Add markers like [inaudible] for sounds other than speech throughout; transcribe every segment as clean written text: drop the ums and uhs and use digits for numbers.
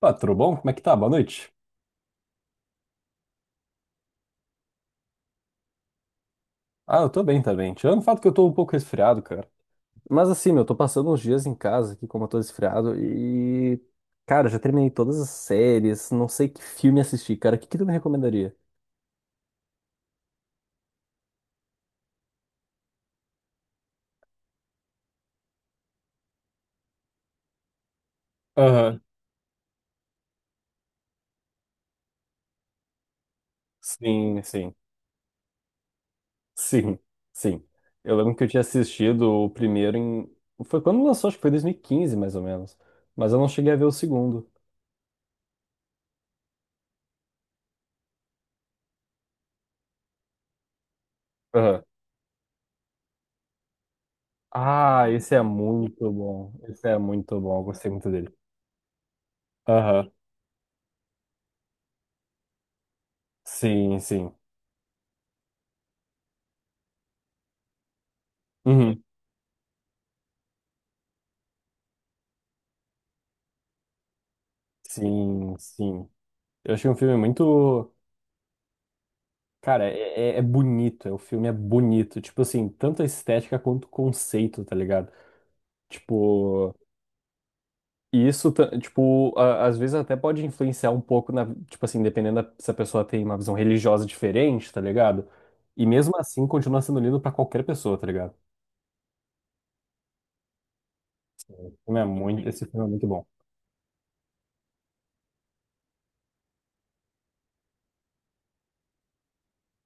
Pá, tudo bom? Como é que tá? Boa noite. Ah, eu tô bem também. Tirando o fato que eu tô um pouco resfriado, cara. Mas assim, meu, eu tô passando uns dias em casa aqui, como eu tô resfriado, e. Cara, já terminei todas as séries, não sei que filme assistir, cara. O que que tu me recomendaria? Aham. Sim, sim. Sim, sim. Eu lembro que eu tinha assistido o primeiro em. Foi quando lançou, acho que foi 2015, mais ou menos. Mas eu não cheguei a ver o segundo. Aham. Ah, esse é muito bom. Esse é muito bom. Eu gostei muito dele. Aham. Sim, sim. Uhum. Sim, sim. Eu achei um filme muito. Cara, é bonito. O filme é bonito. Tipo assim, tanto a estética quanto o conceito, tá ligado? Tipo. E isso, tipo, às vezes até pode influenciar um pouco na. Tipo assim, dependendo da, se a pessoa tem uma visão religiosa diferente, tá ligado? E mesmo assim, continua sendo lindo pra qualquer pessoa, tá ligado? Esse filme é muito, esse filme é muito bom.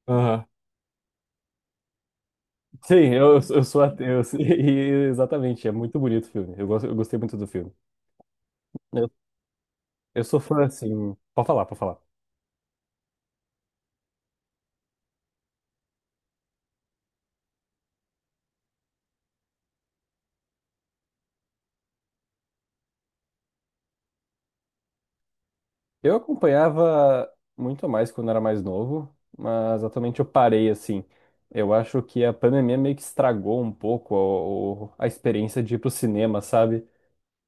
Aham. Sim, eu sou ateu. [laughs] E, exatamente, é muito bonito o filme. Eu, gosto, eu gostei muito do filme. Eu sou fã, assim. Pode falar, pode falar. Eu acompanhava muito mais quando era mais novo, mas atualmente eu parei, assim. Eu acho que a pandemia meio que estragou um pouco a experiência de ir pro cinema, sabe?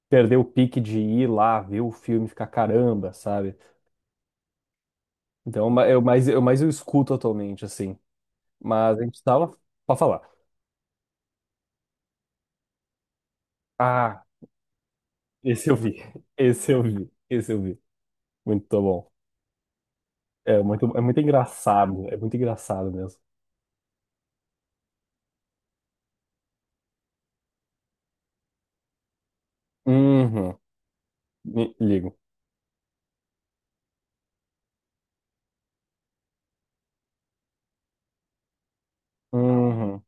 Perdeu o pique de ir lá, ver o filme, e ficar caramba, sabe? Então, eu mais eu, mais eu escuto atualmente, assim. Mas a gente tava. Pode falar. Ah, esse eu vi. [laughs] Esse eu vi. Esse eu vi. Muito bom. É muito engraçado. É muito engraçado mesmo. Uhum. Ligo. Uhum.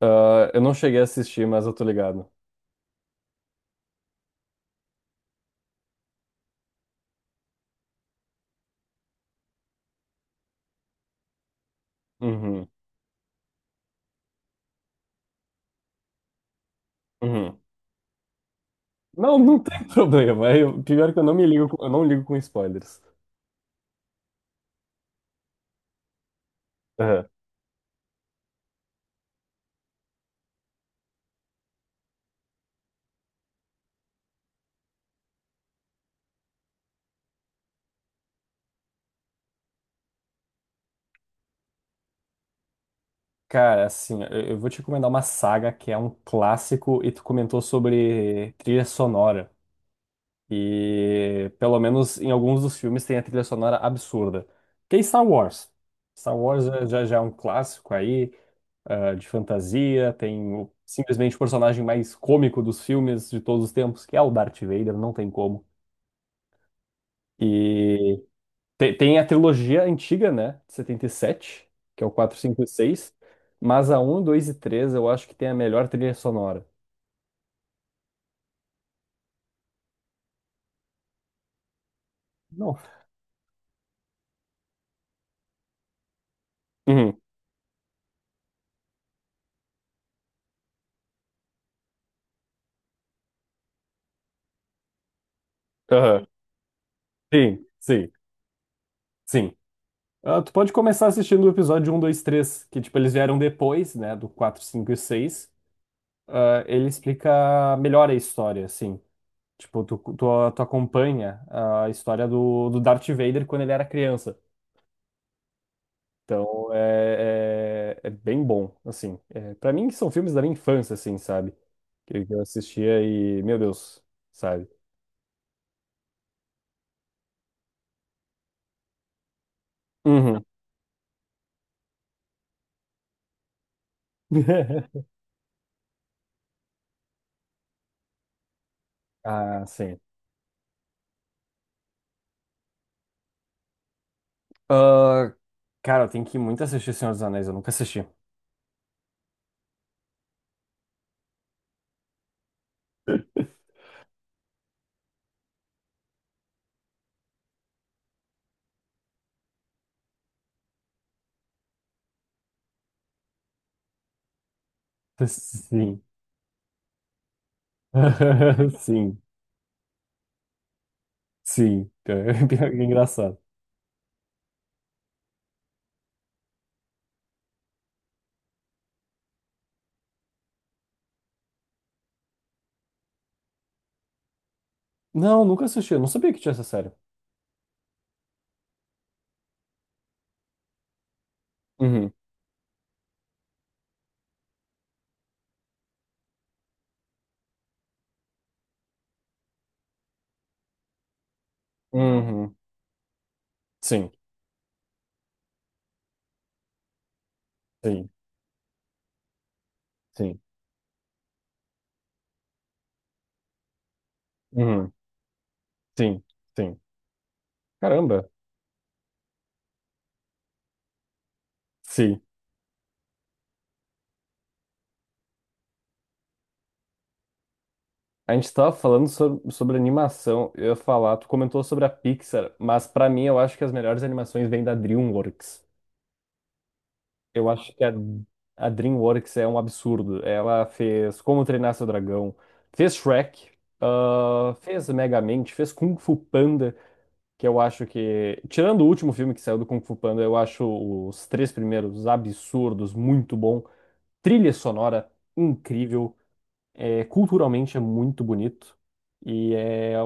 Ah, eu não cheguei a assistir, mas eu tô ligado. Uhum. Uhum. Não, não tem [laughs] problema. É, eu, pior que eu não me ligo, eu não ligo com spoilers. Uhum. Cara, assim, eu vou te recomendar uma saga que é um clássico e tu comentou sobre trilha sonora. E pelo menos em alguns dos filmes tem a trilha sonora absurda. Que é Star Wars. Star Wars já é um clássico aí. De fantasia, tem simplesmente o personagem mais cômico dos filmes de todos os tempos, que é o Darth Vader, não tem como. E tem a trilogia antiga, né, de setenta e sete, que é o quatro 5 e seis, mas a um 2 e 3 eu acho que tem a melhor trilha sonora. Não. Uhum. Aham. Sim, sim, sim. Ah, tu pode começar assistindo o episódio um 2 três, que tipo, eles vieram depois, né, do 4 5 e seis. Ah, ele explica melhor a história, assim. Tipo, tu acompanha a história do, do Darth Vader quando ele era criança. Então, é bem bom, assim. É, para mim, são filmes da minha infância, assim, sabe? Que eu assistia e, meu Deus, sabe? Uhum. [laughs] Ah, sim. Ah, cara, eu tenho que muito assistir Senhor dos Anéis, eu nunca assisti. [laughs] Sim. [laughs] Sim, sim. [laughs] Pior que é engraçado. Não, nunca assisti, eu não sabia que tinha essa série. Uhum. Uhum. Sim, sim, sim. Uhum, sim, sim. Caramba, sim. A gente tava falando sobre, sobre animação. Eu ia falar, tu comentou sobre a Pixar, mas pra mim eu acho que as melhores animações vêm da DreamWorks. Eu acho que a DreamWorks é um absurdo. Ela fez Como Treinar Seu Dragão, fez Shrek, ah, fez Megamente, fez Kung Fu Panda, que eu acho que, tirando o último filme que saiu do Kung Fu Panda, eu acho os três primeiros absurdos, muito bom. Trilha sonora incrível. É, culturalmente é muito bonito e é,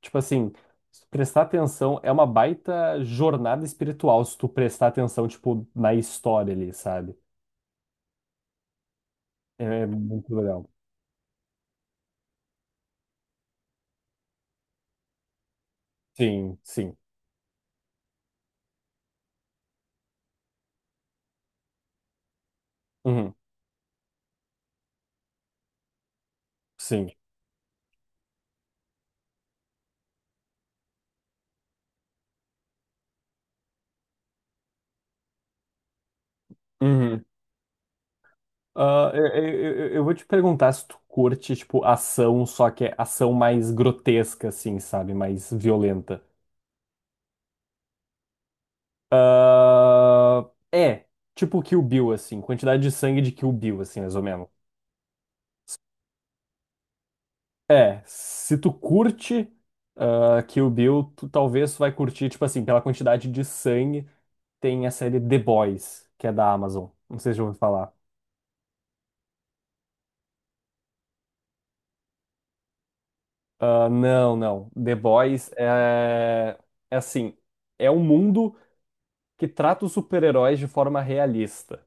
tipo assim, se prestar atenção é uma baita jornada espiritual se tu prestar atenção tipo na história ali, sabe? É muito legal. Sim, sim. Uhum, sim. Uhum. Ah, eu vou te perguntar se tu curte tipo ação, só que é ação mais grotesca assim, sabe? Mais violenta. Ah, é, tipo Kill Bill assim, quantidade de sangue de Kill Bill assim, mais ou menos. É, se tu curte ah, Kill Bill, tu talvez tu vai curtir, tipo assim, pela quantidade de sangue, tem a série The Boys, que é da Amazon. Não sei se já ouviu falar. Ah, não, não. The Boys é, é assim, é um mundo que trata os super-heróis de forma realista.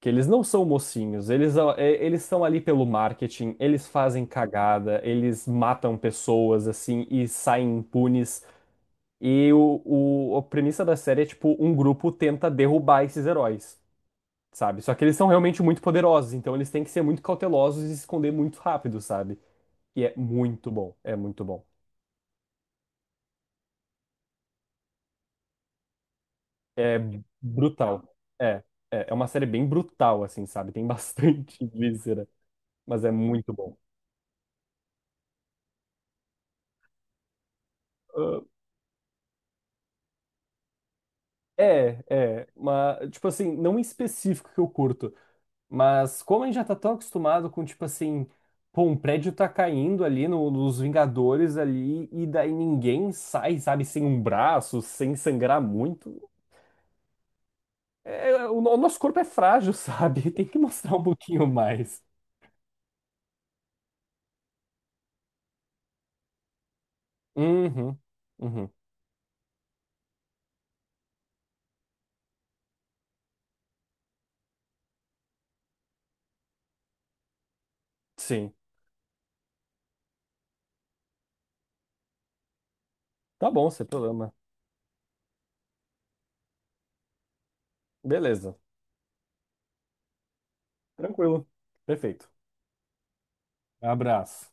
Que eles não são mocinhos, eles, eles estão ali pelo marketing, eles fazem cagada, eles matam pessoas, assim, e saem impunes. E a premissa da série é, tipo, um grupo tenta derrubar esses heróis, sabe? Só que eles são realmente muito poderosos, então eles têm que ser muito cautelosos e se esconder muito rápido, sabe? E é muito bom, é muito bom. É brutal. É, é uma série bem brutal, assim, sabe? Tem bastante [laughs] víscera, mas é muito bom. Ah, é, mas, tipo assim, não em específico que eu curto, mas como a gente já tá tão acostumado com, tipo assim, pô, um prédio tá caindo ali nos Vingadores ali, e daí ninguém sai, sabe, sem um braço, sem sangrar muito. É, o, no- o nosso corpo é frágil, sabe? [laughs] Tem que mostrar um pouquinho mais. Uhum, uhum, sim. Tá bom, sem problema. Beleza. Tranquilo. Perfeito. Abraço.